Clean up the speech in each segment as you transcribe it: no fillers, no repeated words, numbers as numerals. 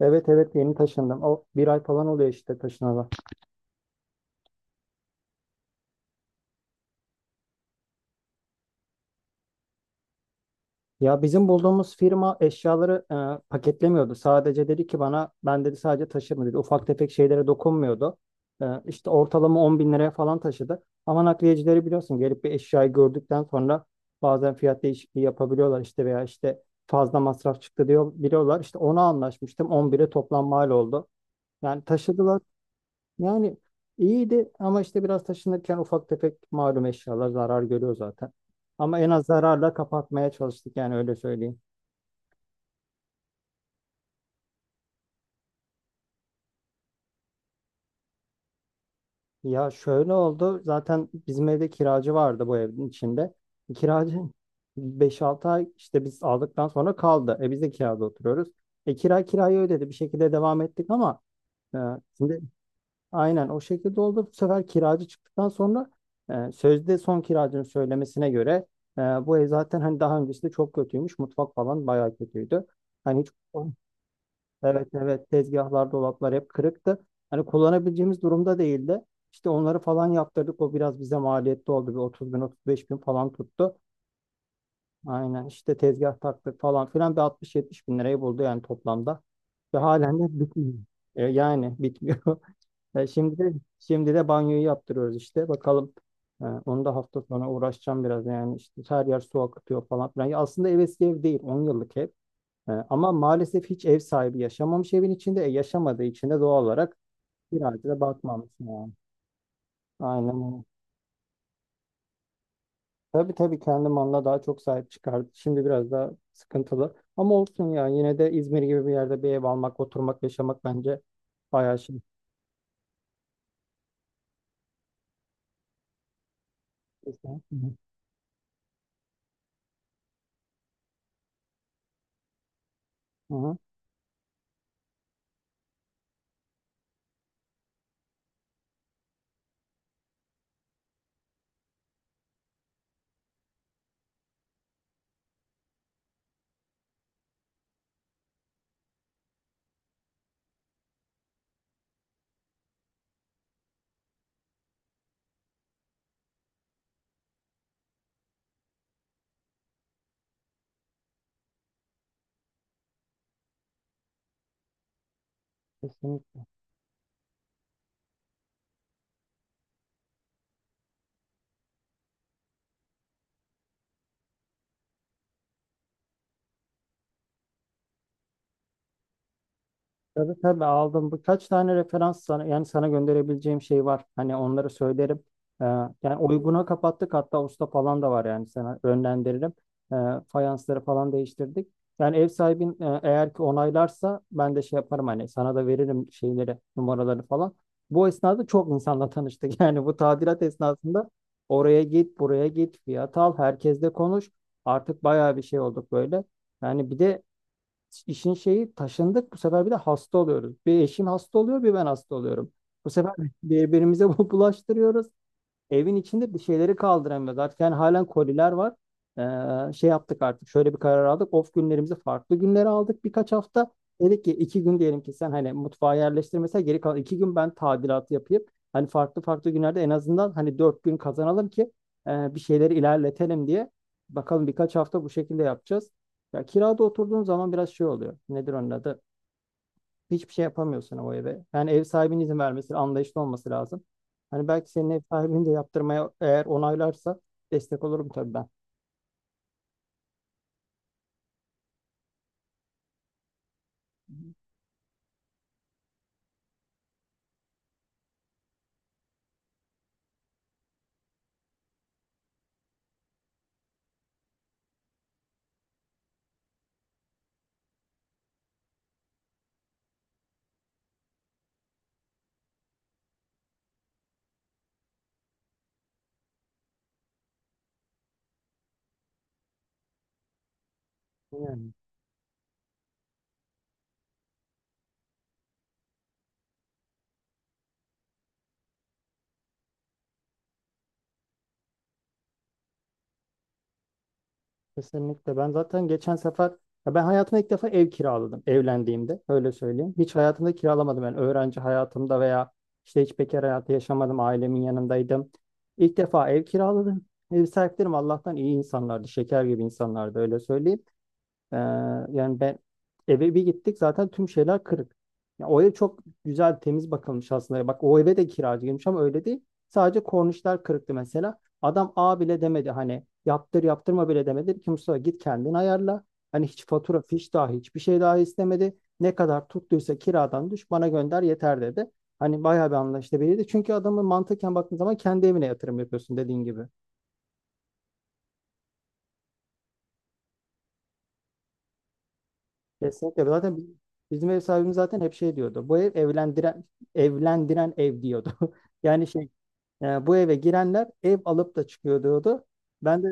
Evet evet yeni taşındım. O bir ay falan oluyor işte taşınalı. Ya bizim bulduğumuz firma eşyaları paketlemiyordu. Sadece dedi ki bana ben dedi sadece taşırma dedi. Ufak tefek şeylere dokunmuyordu. E, işte ortalama 10 bin liraya falan taşıdı. Ama nakliyecileri biliyorsun gelip bir eşyayı gördükten sonra bazen fiyat değişikliği yapabiliyorlar işte veya işte fazla masraf çıktı diyor biliyorlar. İşte ona anlaşmıştım 11'e toplam mal oldu. Yani taşıdılar. Yani iyiydi ama işte biraz taşınırken ufak tefek malum eşyalar zarar görüyor zaten. Ama en az zararla kapatmaya çalıştık yani öyle söyleyeyim. Ya şöyle oldu zaten bizim evde kiracı vardı bu evin içinde. Kiracı 5-6 ay işte biz aldıktan sonra kaldı. Biz de kirada oturuyoruz. Kirayı ödedi bir şekilde devam ettik ama e, şimdi aynen o şekilde oldu. Bu sefer kiracı çıktıktan sonra sözde son kiracının söylemesine göre bu ev zaten hani daha öncesinde çok kötüymüş. Mutfak falan bayağı kötüydü. Hani hiç evet evet tezgahlar, dolaplar hep kırıktı. Hani kullanabileceğimiz durumda değildi. İşte onları falan yaptırdık. O biraz bize maliyetli oldu. Bir 30 bin 35 bin falan tuttu. Aynen işte tezgah taktık falan filan bir 60-70 bin lirayı buldu yani toplamda. Ve halen de bitmiyor. Yani bitmiyor. E, şimdi de, şimdi de banyoyu yaptırıyoruz işte. Bakalım. Onu da hafta sonra uğraşacağım biraz. Yani işte her yer su akıtıyor falan filan. Ya aslında ev eski ev değil. 10 yıllık ev. Ama maalesef hiç ev sahibi yaşamamış evin içinde. Yaşamadığı için de doğal olarak biraz da bakmamış yani. Aynen öyle. Tabii tabii kendi malına daha çok sahip çıkardı. Şimdi biraz daha sıkıntılı. Ama olsun ya. Yine de İzmir gibi bir yerde bir ev almak, oturmak, yaşamak bence bayağı şey. Kesinlikle. Hı hı. Kesinlikle. Tabii tabii aldım. Birkaç tane referans sana, yani sana gönderebileceğim şey var. Hani onları söylerim. Ee, yani uyguna kapattık hatta usta falan da var yani sana yönlendiririm. Ee, fayansları falan değiştirdik. Yani ev sahibin eğer ki onaylarsa ben de şey yaparım hani sana da veririm şeyleri, numaraları falan. Bu esnada çok insanla tanıştık. Yani bu tadilat esnasında oraya git, buraya git, fiyat al, herkesle konuş. Artık bayağı bir şey olduk böyle. Yani bir de İşin şeyi taşındık. Bu sefer bir de hasta oluyoruz. Bir eşim hasta oluyor, bir ben hasta oluyorum. Bu sefer birbirimize bu bulaştırıyoruz. Evin içinde bir şeyleri kaldıramıyoruz. Artık yani halen koliler var. Şey yaptık artık. Şöyle bir karar aldık. Off günlerimizi farklı günlere aldık birkaç hafta. Dedik ki 2 gün diyelim ki sen hani mutfağa yerleştirmesen geri kalan 2 gün ben tadilat yapayım. Hani farklı farklı günlerde en azından hani 4 gün kazanalım ki bir şeyleri ilerletelim diye. Bakalım birkaç hafta bu şekilde yapacağız. Ya kirada oturduğun zaman biraz şey oluyor. Nedir onun adı? Hiçbir şey yapamıyorsun o eve. Yani ev sahibinin izin vermesi, anlayışlı olması lazım. Hani belki senin ev sahibini de yaptırmaya eğer onaylarsa destek olurum tabii ben. Yani kesinlikle. Ben zaten geçen sefer, ya ben hayatımda ilk defa ev kiraladım evlendiğimde. Öyle söyleyeyim. Hiç hayatımda kiralamadım. Yani öğrenci hayatımda veya işte hiç bekar hayatı yaşamadım. Ailemin yanındaydım. İlk defa ev kiraladım. Ev sahiplerim Allah'tan iyi insanlardı. Şeker gibi insanlardı öyle söyleyeyim. Ee, yani ben Eve bir gittik zaten tüm şeyler kırık. Ya o ev çok güzel temiz bakılmış aslında. Bak o eve de kiracı girmiş ama öyle değil. Sadece kornişler kırıktı mesela. Adam A bile demedi hani yaptır yaptırma bile demedi. Dedi ki Mustafa git kendin ayarla. Hani hiç fatura fiş dahi hiçbir şey dahi istemedi. Ne kadar tuttuysa kiradan düş bana gönder yeter dedi. Hani bayağı bir anlaşılabilirdi. Çünkü adamın mantıken baktığın zaman kendi evine yatırım yapıyorsun dediğin gibi. Kesinlikle. Bizim ev sahibimiz zaten hep şey diyordu. Bu ev evlendiren ev diyordu. Yani bu eve girenler ev alıp da çıkıyor diyordu. Ben de.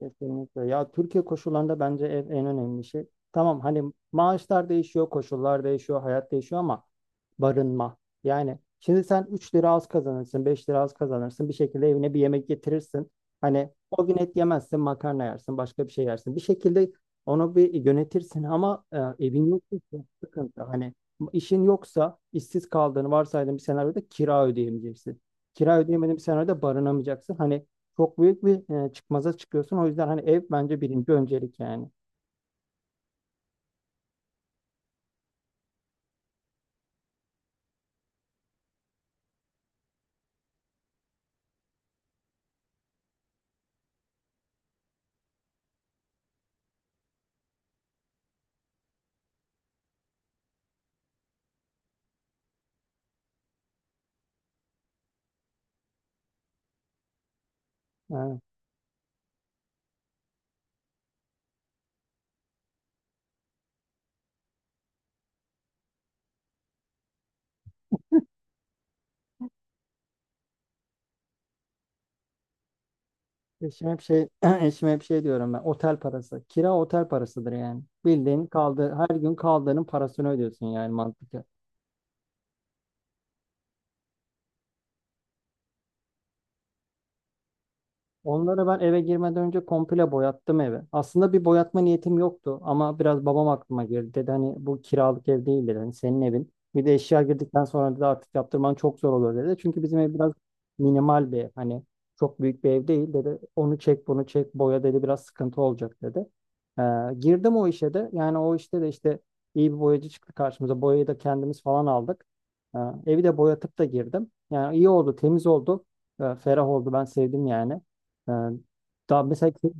Kesinlikle. Ya Türkiye koşullarında bence en önemli şey. Tamam hani maaşlar değişiyor, koşullar değişiyor, hayat değişiyor ama barınma. Yani şimdi sen 3 lira az kazanırsın, 5 lira az kazanırsın. Bir şekilde evine bir yemek getirirsin. Hani o gün et yemezsin, makarna yersin, başka bir şey yersin. Bir şekilde onu bir yönetirsin ama evin yoksa çok sıkıntı. Hani işin yoksa, işsiz kaldığını varsaydığın bir senaryoda kira ödeyemeyeceksin. Kira ödeyemediğin bir senaryoda barınamayacaksın. Hani çok büyük bir çıkmaza çıkıyorsun. O yüzden hani ev bence birinci öncelik yani. Yani eşime hep şey eşime hep şey diyorum ben. Otel parası. Kira otel parasıdır yani. Bildiğin kaldı her gün kaldığının parasını ödüyorsun yani mantıklı. Onları ben eve girmeden önce komple boyattım evi. Aslında bir boyatma niyetim yoktu ama biraz babam aklıma girdi. Dedi hani bu kiralık ev değil dedi. Hani senin evin. Bir de eşya girdikten sonra dedi artık yaptırman çok zor olur dedi. Çünkü bizim ev biraz minimal bir ev. Hani çok büyük bir ev değil dedi. Onu çek bunu çek boya dedi biraz sıkıntı olacak dedi. Ee, girdim o işe de. Yani o işte de işte iyi bir boyacı çıktı karşımıza. Boyayı da kendimiz falan aldık. Ee, evi de boyatıp da girdim. Yani iyi oldu temiz oldu. Ferah oldu ben sevdim yani. Yani daha mesela ki-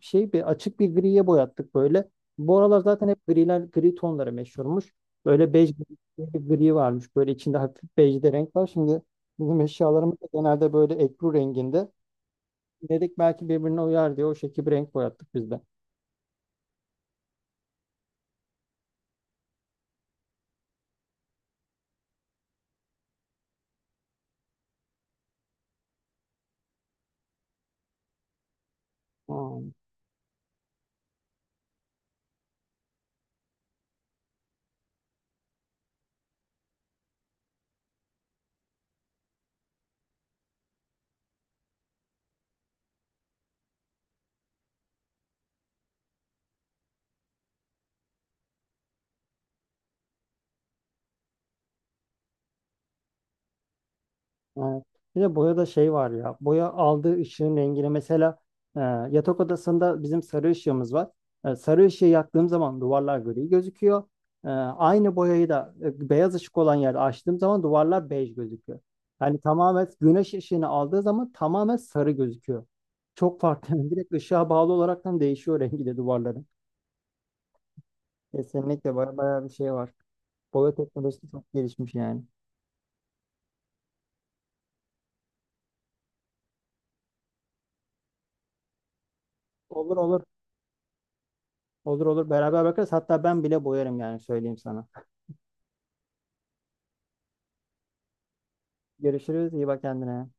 Şey bir açık bir griye boyattık böyle. Bu aralar zaten hep griler, gri tonları meşhurmuş. Böyle bej gibi bir gri varmış. Böyle içinde hafif bej de renk var. Şimdi bizim eşyalarımız da genelde böyle ekru renginde. Dedik belki birbirine uyar diye o şekilde bir renk boyattık biz de. Hmm. Evet. Bir de boyada şey var ya. Boya aldığı ışığın rengine mesela e, yatak odasında bizim sarı ışığımız var. Sarı ışığı yaktığım zaman duvarlar gri gözüküyor. Aynı boyayı da beyaz ışık olan yerde açtığım zaman duvarlar bej gözüküyor. Yani tamamen güneş ışığını aldığı zaman tamamen sarı gözüküyor. Çok farklı. Direkt ışığa bağlı olaraktan değişiyor rengi de duvarların. Kesinlikle baya baya bir şey var. Boya teknolojisi çok gelişmiş yani. Olur olur. Olur olur. Beraber bakarız. Hatta ben bile boyarım yani söyleyeyim sana. Görüşürüz. İyi bak kendine.